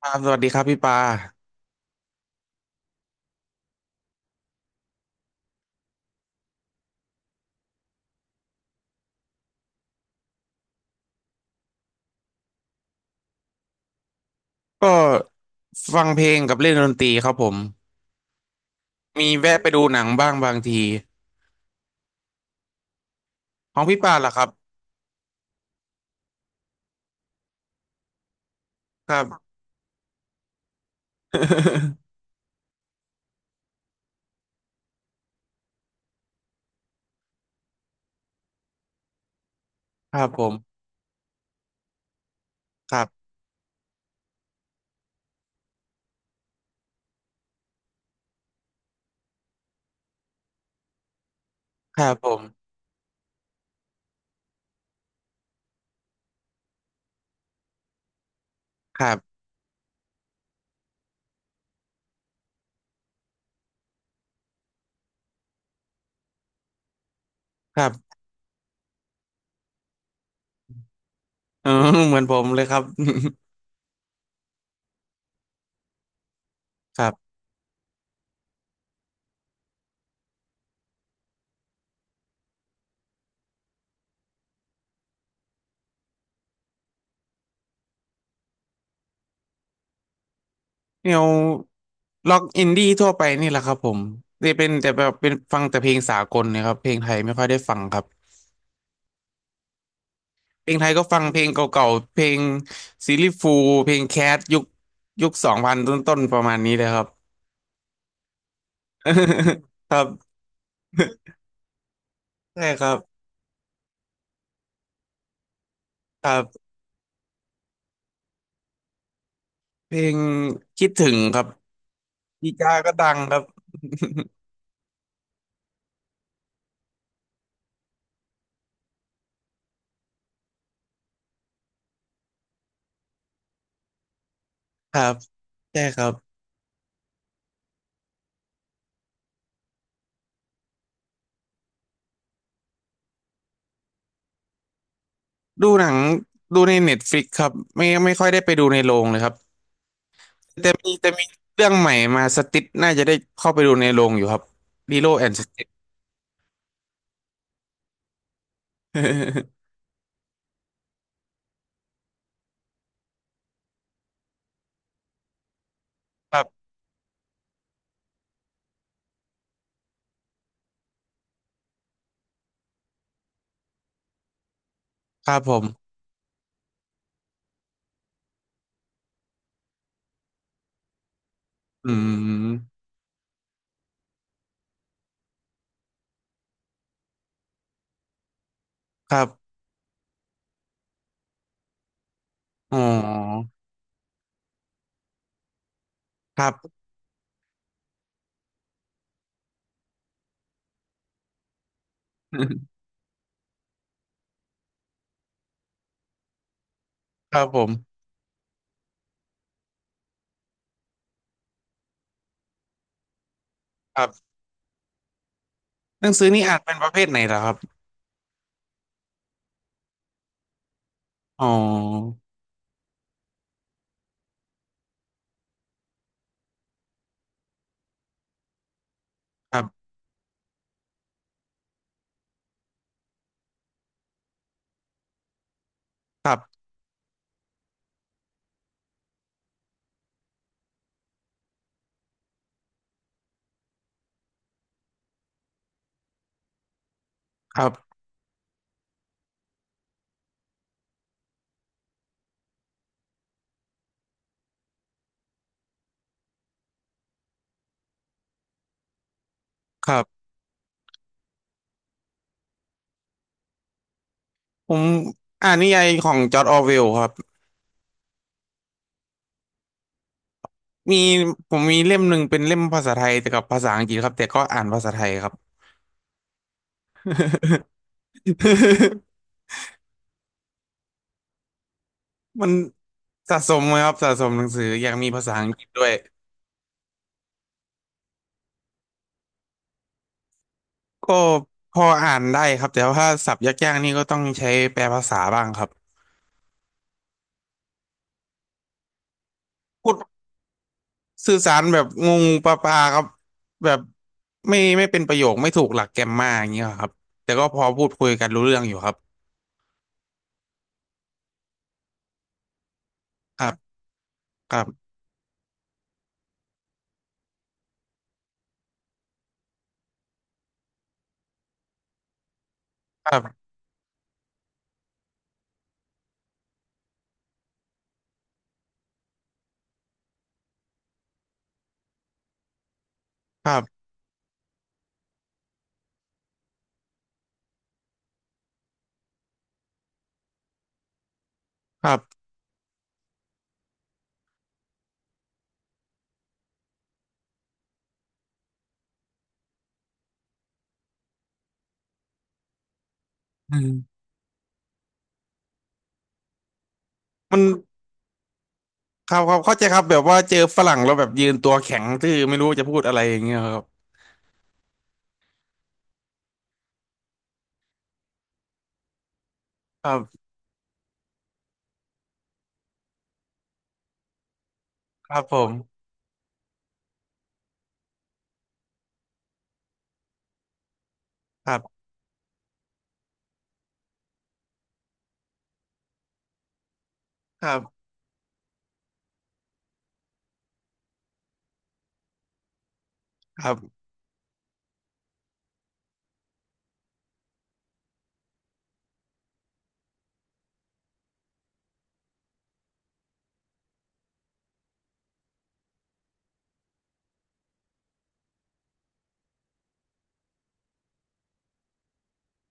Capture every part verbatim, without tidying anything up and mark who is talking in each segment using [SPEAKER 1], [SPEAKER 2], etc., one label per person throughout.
[SPEAKER 1] ครับสวัสดีครับพี่ปาก็ฟังเพลงกับเล่นดนตรีครับผมมีแวะไปดูหนังบ้างบางทีของพี่ปาล่ะครับครับ ครับผมครับครับผมครับครับเออเหมือนผมเลยครับ ครับแนวล็อกอินดี้ทั่วไปนี่แหละครับผมจะเป็นแต่แบบเป็นฟังแต่เพลงสากลเนะครับเพลงไทยไม่ค่อยได้ฟังครับเพลงไทยก็ฟังเพลงเก่าๆเพลงซีรีส์ฟูลเพลงแคทยุคยุคสองพันต้นๆประมาณนี้เลยครับ ครับ ใช่ครับครับเพลงคิดถึงครับดีจ้าก็ดังครับ ครับใช่ครับดูหนังดูในเน็ตฟลิกครับไม่ไม่ค่อยได้ไปดูในโรงเลยครับแต่มีแต่มีเรื่องใหม่มาสติดน่าจะได้เข้าไปดูในโรงอยู่ครับลีโลแอนด์สติด ครับครับผมอืมครับอ๋อครับ ครับผมครับหนังสือนี่อ่านเป็นประเภทไหนเหรอครับอ๋อครับครับครับครับ ผมอ่านนิยายของจอร์จออร์เวลครับมีผมมีเล่มหนึ่งเป็นเล่มภาษาไทยแต่กับภาษาอังกฤษครับแต่ก็อ่านภาษาไทยครับ มันสะสมเลยครับสะสมหนังสืออยากมีภาษาอังกฤษด้วยก็พออ่านได้ครับแต่ว่าศัพท์ยากๆนี่ก็ต้องใช้แปลภาษาบ้างครับพูดสื่อสารแบบงงปลาปลาๆครับแบบไม่ไม่เป็นประโยคไม่ถูกหลักแกรมมาอย่างเงี้ยครับแต่ก็พอพูดคุยกันรู้เรื่องอยู่ครับครับครับครับครับครับ มันครับครับเข้าใจครับแบบว่าเจอฝรั่งแล้วแบบยืนตัวแข็งทื่อไม่รู้จะพูดอะไรอย่างเงี้ยครับครับครับผมครับครับครับ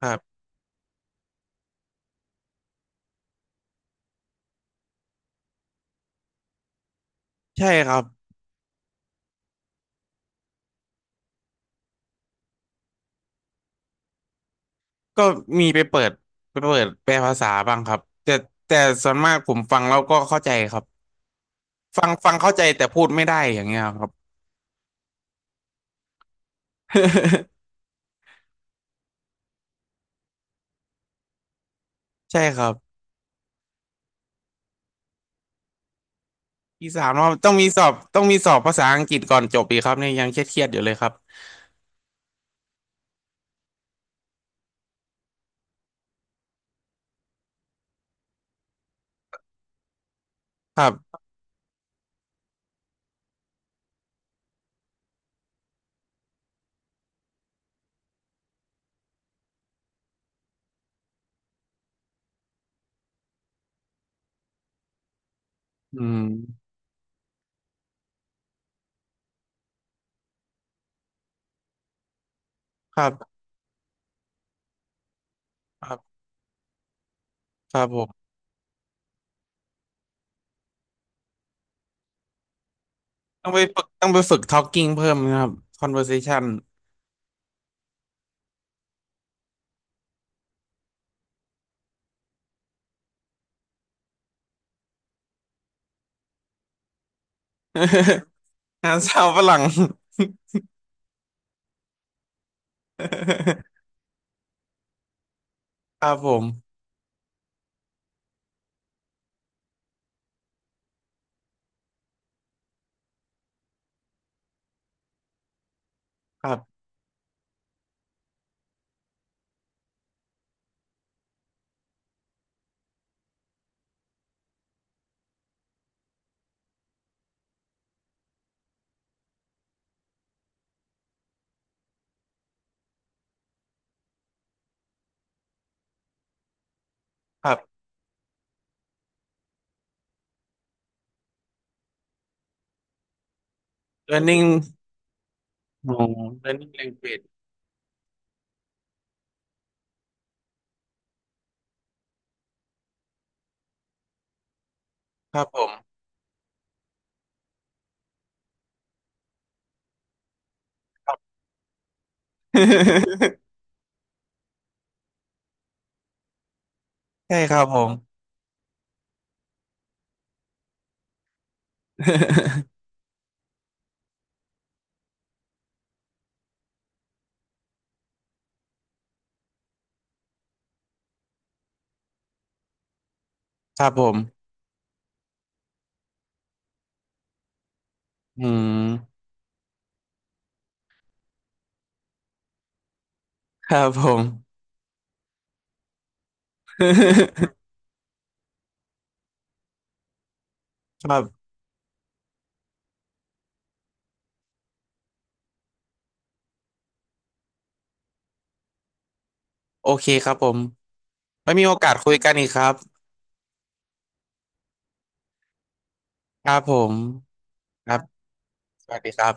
[SPEAKER 1] ครับใช่ครับก็มีไปเปิดไปเปิดแปลภาษาบ้างครับแต่แต่ส่วนมากผมฟังแล้วก็เข้าใจครับฟังฟังเข้าใจแต่พูดไม่ได้อย่างเงี้ยครับ ใช่ครับอีสามรอบต้องมีสอบต้องมีสอบภาษาอังกฤษก่อนจบอีกครับเนี่ยยังเครียดๆอยู่เลยครับครับอืมครับครับครับผม ต้องไปฝึกต้องไปฝึก talking เพิ่มนะครับ conversation งานสาวฝรั่ง ครับผมครับครับ learning อ๋อ learning language ครับผม ใช่ครับผม ครับผมอืมครับผม ครับโอเคครับผมไม่มีโอกาสคุยกันอีกครับครับผมครับสวัสดีครับ